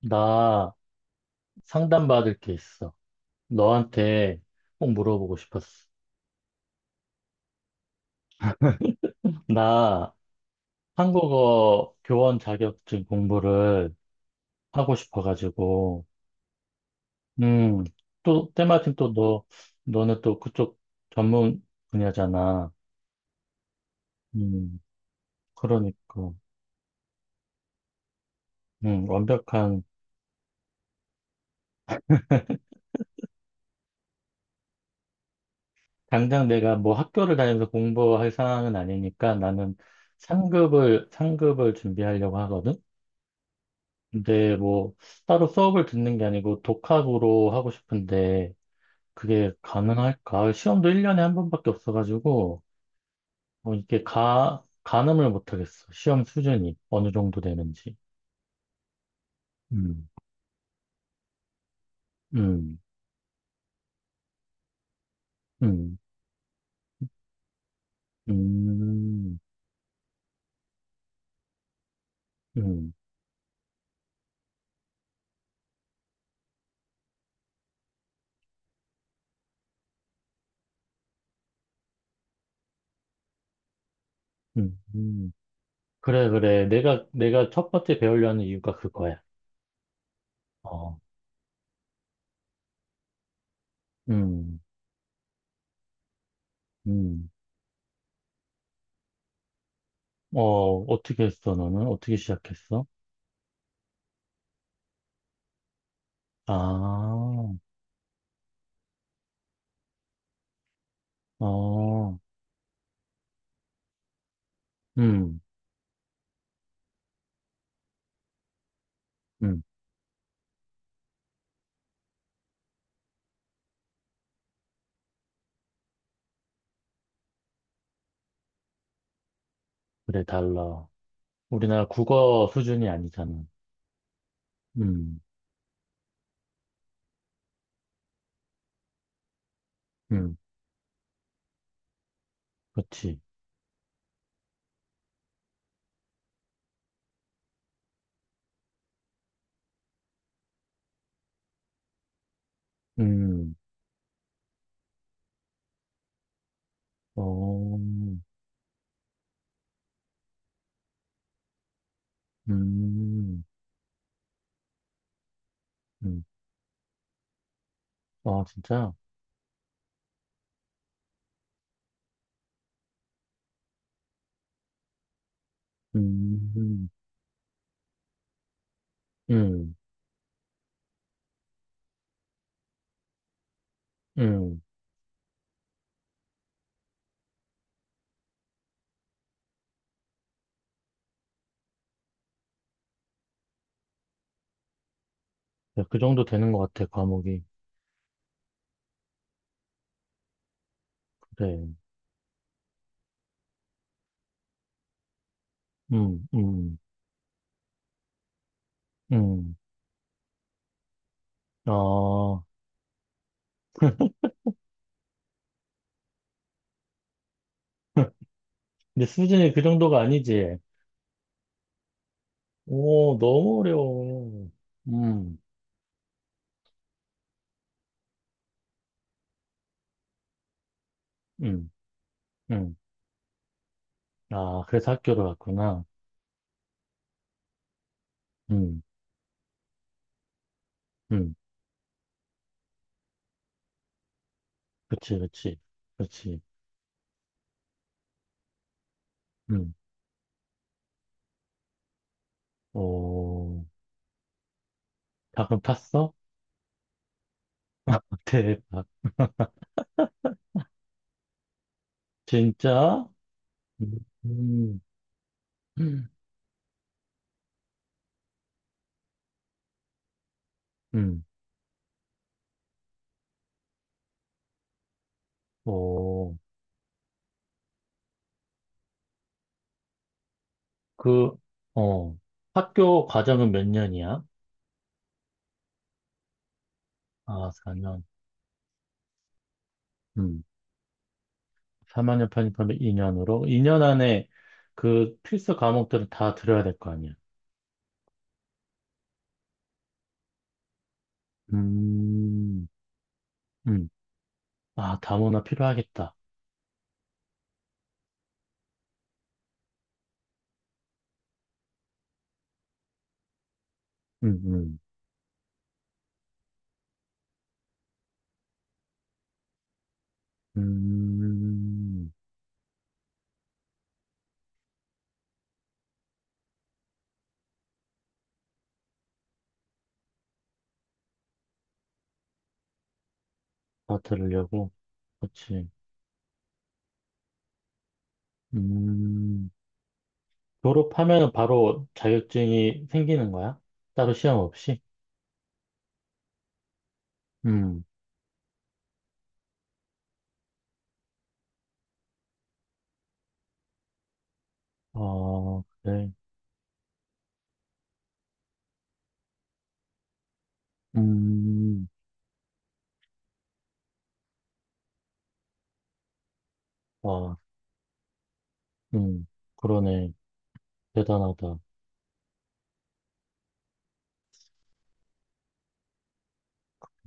나 상담받을 게 있어. 너한테 꼭 물어보고 싶었어. 나 한국어 교원 자격증 공부를 하고 싶어가지고, 음, 또, 때마침 또 너는 또 그쪽 전문 분야잖아. 음, 그러니까, 완벽한, 당장 내가 뭐 학교를 다니면서 공부할 상황은 아니니까 나는 상급을 준비하려고 하거든? 근데 뭐 따로 수업을 듣는 게 아니고 독학으로 하고 싶은데 그게 가능할까? 시험도 1년에 한 번밖에 없어가지고 어, 이게 가늠을 못하겠어. 시험 수준이 어느 정도 되는지. 음, 음, 음, 음, 음, 음, 음. 그래, 그래. 내가 첫 번째 배우려는 이유가 그거야. 어, 음, 음. 어, 어떻게 했어, 너는? 어떻게 시작했어? 아, 어, 음. 음. 그래, 달러. 우리나라 국어 수준이 아니잖아. 음, 음, 그렇지. 음, 어, 음, 음. 아, 진짜? 음, 음, 음. 야, 그 정도 되는 것 같아, 과목이. 그래. 음, 음, 음. 아, 근데 수준이 그 정도가 아니지. 오, 너무 어려워. 음, 음, 음. 아, 그래서 학교를 갔구나. 음, 음. 그치, 그치, 그치. 음. 오, 닭을 팠어? 대박. 진짜? 음, 음, 음. 오, 그, 어, 학교 과정은 몇 년이야? 아, 4년. 음, 4학년 편입하면 2년으로? 2년 안에 그 필수 과목들을 다 들어야 될 거 아니야? 음, 음. 아, 다문화 필요하겠다. 음, 음, 음. 다 들으려고? 그치. 음. 졸업하면 바로 자격증이 생기는 거야? 따로 시험 없이? 음, 어, 그래. 음, 와, 음, 그러네. 대단하다.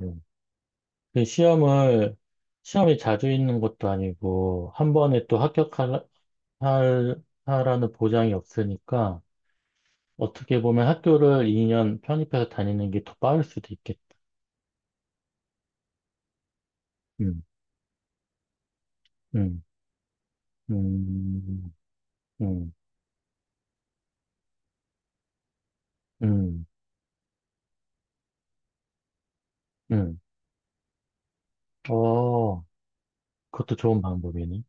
음. 그 시험을, 시험이 자주 있는 것도 아니고, 한 번에 또 합격할, 하라는 보장이 없으니까, 어떻게 보면 학교를 2년 편입해서 다니는 게 더 빠를 수도 있겠다. 음, 음, 음, 음, 음, 음. 어, 그것도 좋은 방법이네.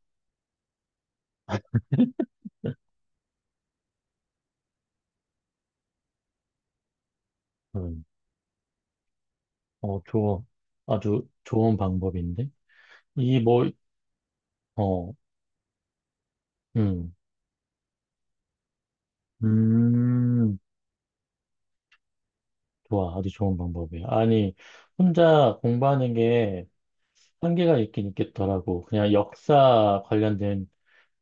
음. 어, 좋아. 아주 좋은 방법인데? 이 뭐, 어, 음, 음, 좋아. 아주 좋은 방법이야. 아니, 혼자 공부하는 게 한계가 있긴 있겠더라고. 그냥 역사 관련된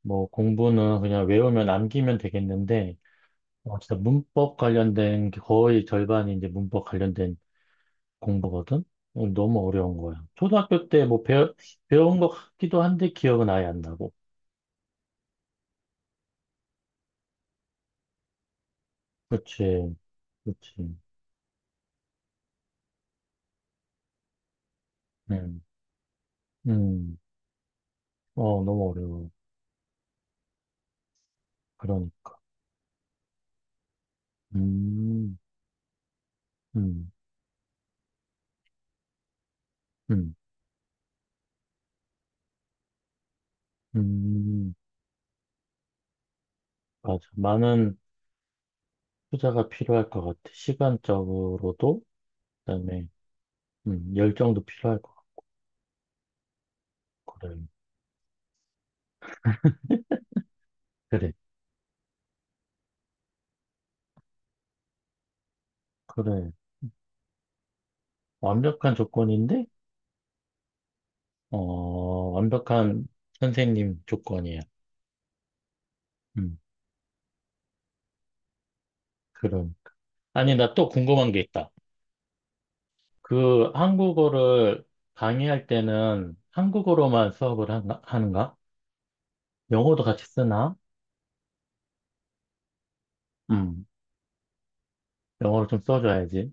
뭐 공부는 그냥 외우면 남기면 되겠는데, 어, 진짜 문법 관련된 게 거의 절반이 이제 문법 관련된 공부거든? 어, 너무 어려운 거야. 초등학교 때 뭐 배운 것 같기도 한데 기억은 아예 안 나고. 그치, 그치. 음. 음, 어, 너무 어려워. 그러니까. 음, 음, 음, 음, 맞아. 많은 투자가 필요할 것 같아. 시간적으로도, 그다음에, 열정도 필요할 것 같고, 그래. 그래, 그래. 완벽한 조건인데, 어, 완벽한 선생님 조건이야. 음, 그럼. 아니, 나 또 궁금한 게 있다. 그 한국어를 강의할 때는 한국어로만 수업을 하 하는가? 영어도 같이 쓰나? 음. 영어를 좀 써줘야지.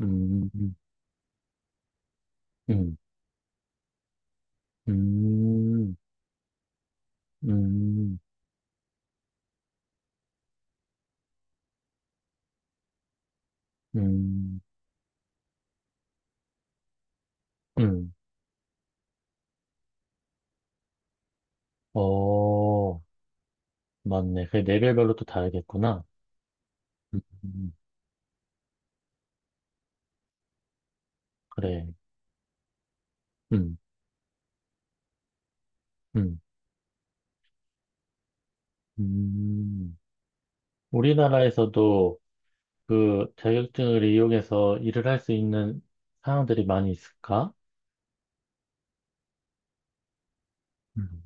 음, 음, 음, 음, 음, 음. 음. 어, 맞네. 그 레벨별로 또 다르겠구나. 음, 음, 그래. 음, 음, 음. 우리나라에서도 그 자격증을 이용해서 일을 할 수 있는 사항들이 많이 있을까? 음,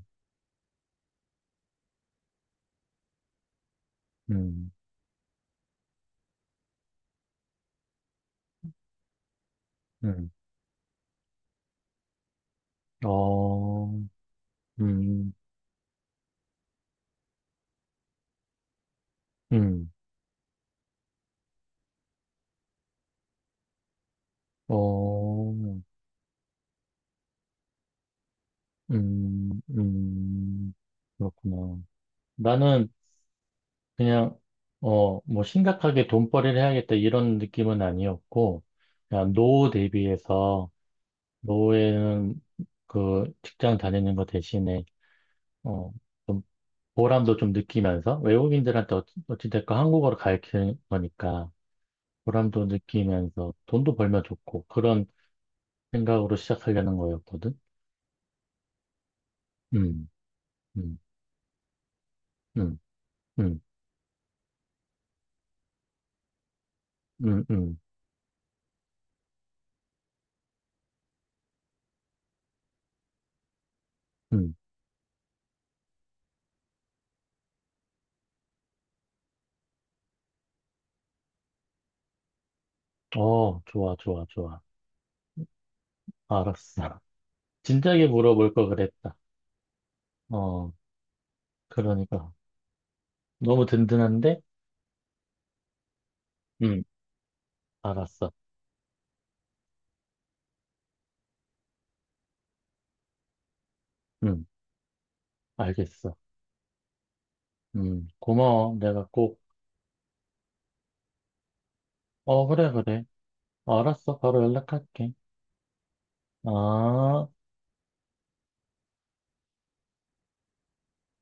음, 음. 어, 음, 음, 어, 음, 음. 그렇구나. 나는 그냥, 어, 뭐, 심각하게 돈벌이를 해야겠다 이런 느낌은 아니었고, 그냥 노후 대비해서, 노후에는 그 직장 다니는 거 대신에, 어, 좀 보람도 좀 느끼면서, 외국인들한테 어찌됐건 한국어를 가르치는 거니까, 보람도 느끼면서, 돈도 벌면 좋고, 그런 생각으로 시작하려는 거였거든. 음, 음, 음, 음, 음, 음, 음. 어, 좋아, 좋아, 좋아. 알았어. 진작에 물어볼 걸 그랬다. 어, 그러니까. 너무 든든한데? 응, 알았어. 응, 알겠어. 응, 고마워. 내가 꼭, 어, 그래, 그래. 알았어. 바로 연락할게. 아.